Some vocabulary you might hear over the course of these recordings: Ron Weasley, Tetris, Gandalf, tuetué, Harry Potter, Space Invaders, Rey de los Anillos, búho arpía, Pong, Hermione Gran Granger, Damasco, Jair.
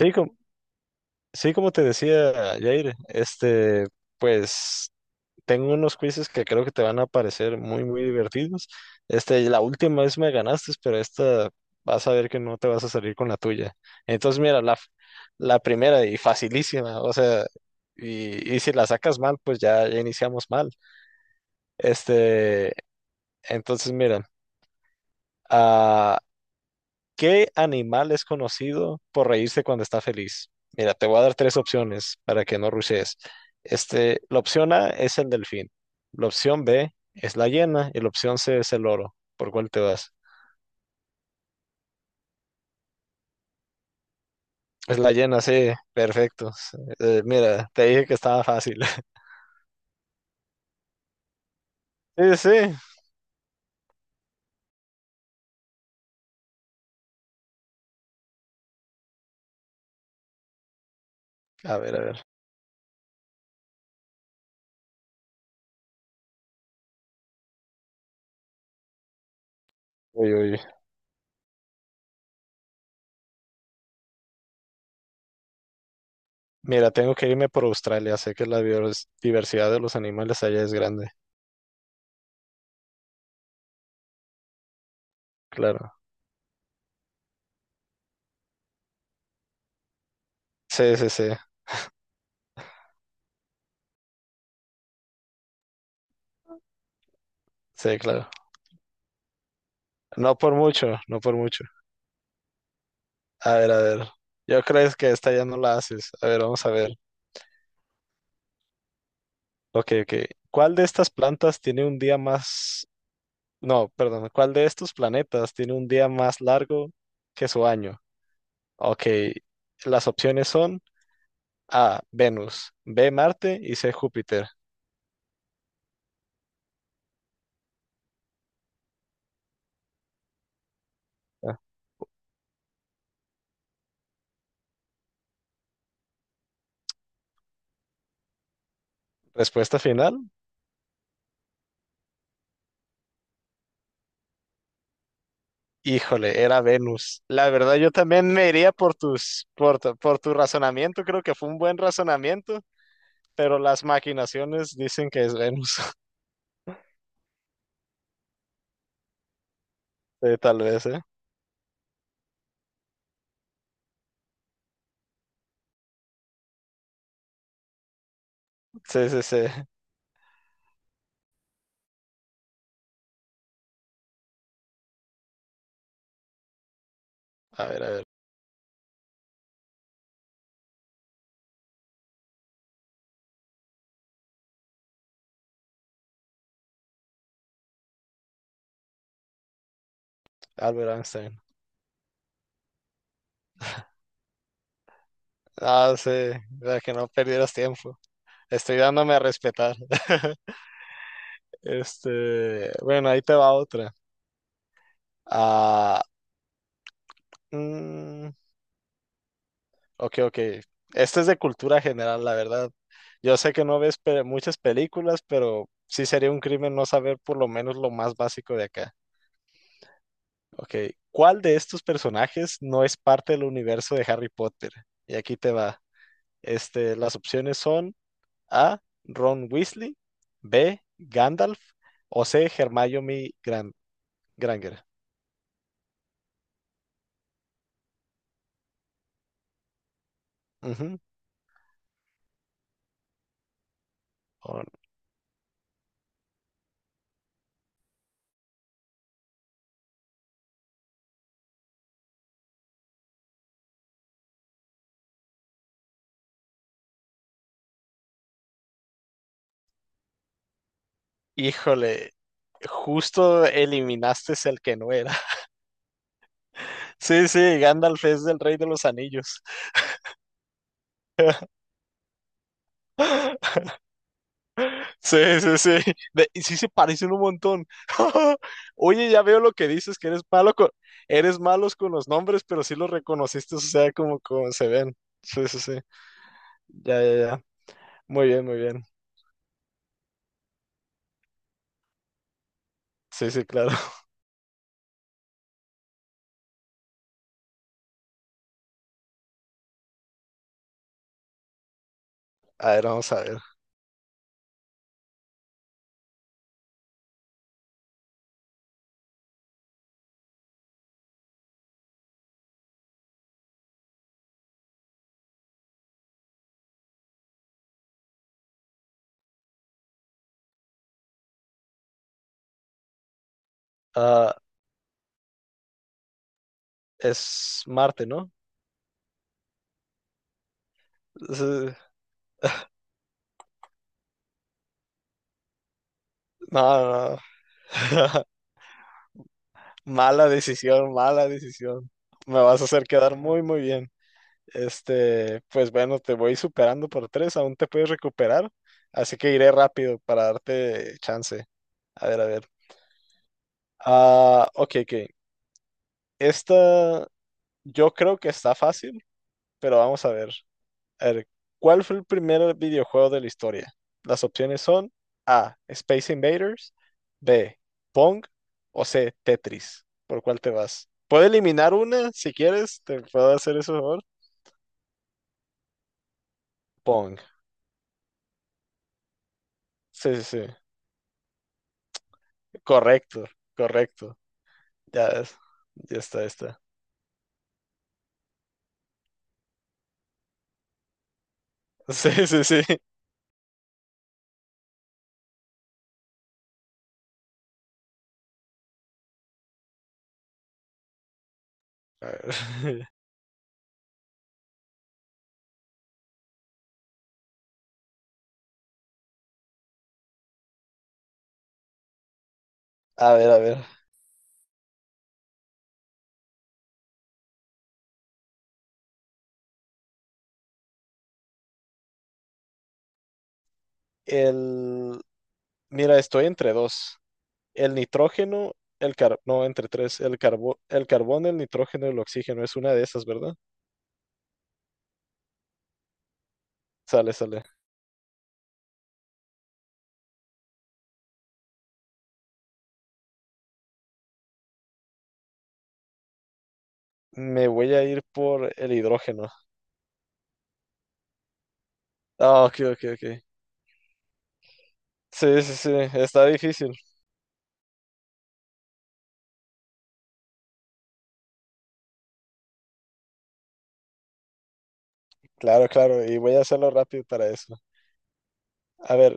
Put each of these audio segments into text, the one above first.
Sí, com- sí, como te decía, Jair, pues tengo unos quizzes que creo que te van a parecer muy, muy divertidos. La última vez me ganaste, pero esta vas a ver que no te vas a salir con la tuya. Entonces, mira, la primera y facilísima, o sea, y si la sacas mal, pues ya, ya iniciamos mal. Este, entonces, mira, ah, ¿qué animal es conocido por reírse cuando está feliz? Mira, te voy a dar tres opciones para que no rushes. La opción A es el delfín, la opción B es la hiena y la opción C es el loro. ¿Por cuál te vas? Es la hiena, sí, perfecto. Mira, te dije que estaba fácil. Sí, sí. A ver, a ver. Uy, uy. Mira, tengo que irme por Australia. Sé que la biodiversidad de los animales allá es grande. Claro. Sí, sí, sí. Sí, claro. No por mucho, no por mucho. A ver, a ver. Yo creo que esta ya no la haces. A ver, vamos a ver. Ok, ok. ¿Cuál de estas plantas tiene un día más. No, perdón. ¿Cuál de estos planetas tiene un día más largo que su año? Ok. Las opciones son A, Venus, B, Marte y C, Júpiter. Ah, Respuesta final. Híjole, era Venus. La verdad, yo también me iría por tu razonamiento. Creo que fue un buen razonamiento, pero las maquinaciones dicen que es Venus. Sí, tal vez, ¿eh? Sí, sí, sí. A ver, a ver. Albert Einstein. Ah, sí. Para que no perdieras tiempo. Estoy dándome a respetar. Bueno, ahí te va otra. Ah, mm, ok, ok. Esta es de cultura general, la verdad. Yo sé que no ves muchas películas, pero sí sería un crimen no saber por lo menos lo más básico de acá. Ok, ¿cuál de estos personajes no es parte del universo de Harry Potter? Y aquí te va. Las opciones son A. Ron Weasley. B. Gandalf. O C. Hermione Granger. Ujú. O- Híjole, justo eliminaste es el que no era. Sí, sí, Gandalf es del Rey de los Anillos. Sí, sí, sí. Y sí se parecen un montón. Oye, ya veo lo que dices, que eres malos con los nombres, pero sí los reconociste, o sea, como se ven. Sí, sí, sí. Ya, ya, ya. Muy bien, muy bien. Sí, sí, claro. A ver, vamos a ver. Ah, es Marte, ¿no? Es, eh, No, no. Mala decisión, mala decisión. Me vas a hacer quedar muy, muy bien. Pues bueno, te voy superando por tres, aún te puedes recuperar, así que iré rápido para darte chance. A ver, a ver. Ok, ok. Esta yo creo que está fácil, pero vamos a ver. A ver, ¿cuál fue el primer videojuego de la historia? Las opciones son A, Space Invaders, B, Pong o C, Tetris. ¿Por cuál te vas? Puedo eliminar una si quieres, te puedo hacer ese favor. Pong. Sí, sí, sí. Correcto, correcto. Ya, ves, ya está, ya está. Sí, sí, sí. A ver, a ver. A ver. El. Mira, estoy entre dos. El nitrógeno, el car. No, entre tres. El carbón, el nitrógeno y el oxígeno. Es una de esas, ¿verdad? Sale, sale. Me voy a ir por el hidrógeno. Ok, ok, ok. Sí, sí, sí. Está difícil. Claro, claro. Y voy a hacerlo rápido para eso. A ver,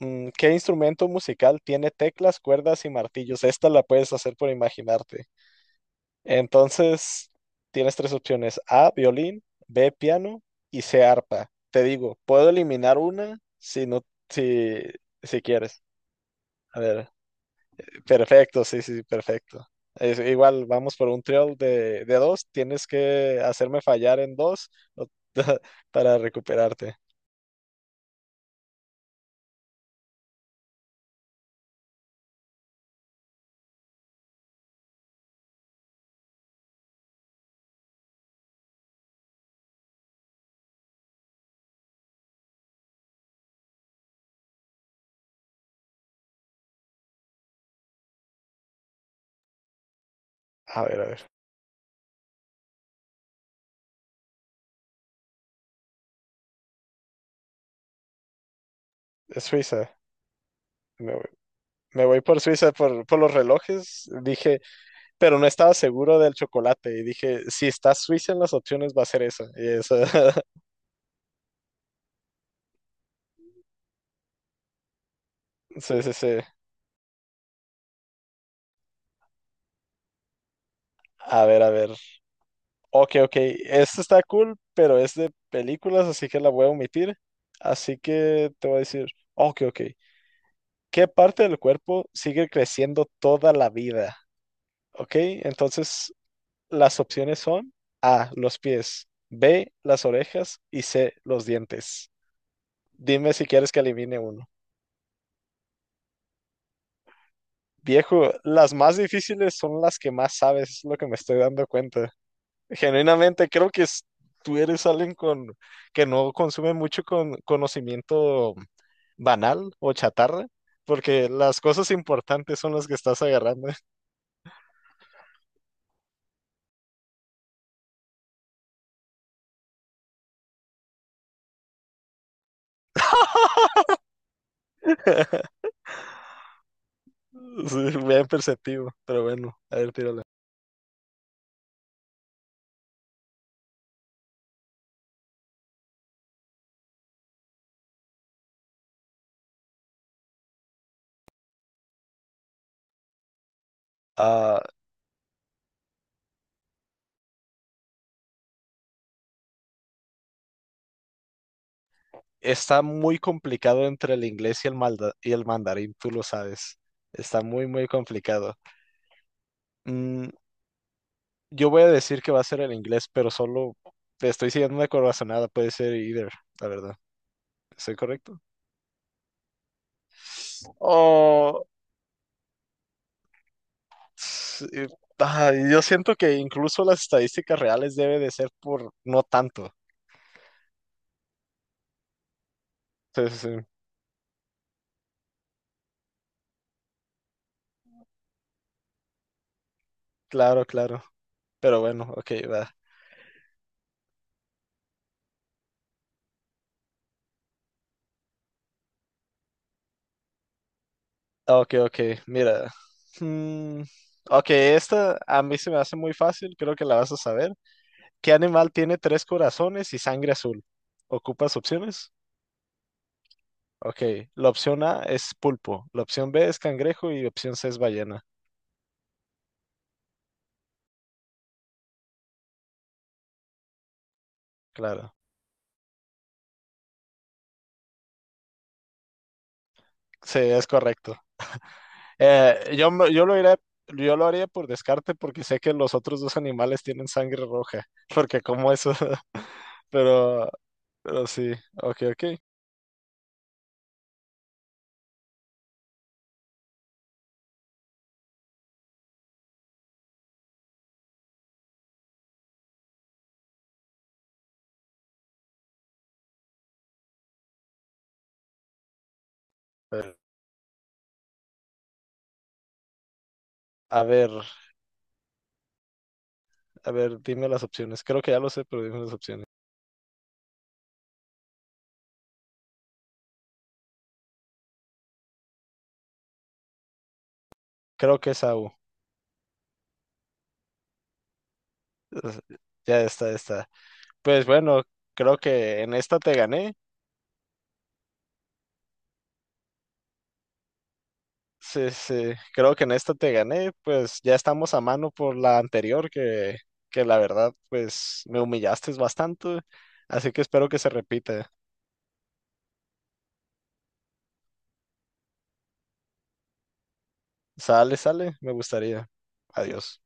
¿qué instrumento musical tiene teclas, cuerdas y martillos? Esta la puedes hacer por imaginarte. Entonces, tienes tres opciones, A, violín, B, piano y C, arpa. Te digo, puedo eliminar una si no, si, si quieres. A ver, perfecto, sí, sí, sí, perfecto. Es, igual, vamos por un trío de dos, tienes que hacerme fallar en dos o- para recuperarte. A ver, es Suiza. Me voy, me voy por Suiza por los relojes, dije, pero no estaba seguro del chocolate y dije, si está Suiza en las opciones va a ser eso. Y eso. Sí, sí, sí. A ver, a ver. Ok, ok. Esto está cool, pero es de películas, así que la voy a omitir. Así que te voy a decir, ok, ok. ¿Qué parte del cuerpo sigue creciendo toda la vida? Ok, entonces las opciones son A, los pies, B, las orejas y C, los dientes. Dime si quieres que elimine uno. Viejo, las más difíciles son las que más sabes, es lo que me estoy dando cuenta. Genuinamente creo que tú eres alguien que no consume mucho conocimiento banal o chatarra, porque las cosas importantes son las que estás agarrando. Sí, bien perceptivo, pero bueno, a ver, tírala. Ah, Está muy complicado entre el inglés y el mandarín, tú lo sabes. Está muy, muy complicado. Mm, yo voy a decir que va a ser el inglés, pero solo te estoy siguiendo una corazonada, puede ser either, la verdad. ¿Estoy correcto? O, eh, yo siento que incluso las estadísticas reales debe de ser por no tanto. Sí, sí, sí. Claro, claro. Pero bueno, ok, va. Ok, ok, mira. Mm, ok, esta a mí se me hace muy fácil, creo que la vas a saber. ¿Qué animal tiene tres corazones y sangre azul? ¿Ocupas opciones? Ok, la opción A es pulpo, la opción B es cangrejo y la opción C es ballena. Claro, sí, es correcto. Yo, me- yo lo iré yo lo haría por descarte porque sé que los otros dos animales tienen sangre roja, porque como eso, pero, pero, sí, ok, ok. Eh, A ver, a ver, dime las opciones. Creo que ya lo sé, pero dime las opciones. Creo que es Au. Es- Ya está, ya está. Pues bueno, creo que en esta te gané. Sí, sí, creo que en esta te gané. Pues ya estamos a mano por la anterior, que la verdad, pues me humillaste bastante. Así que espero que se repita. Sale, sale, me gustaría. Adiós.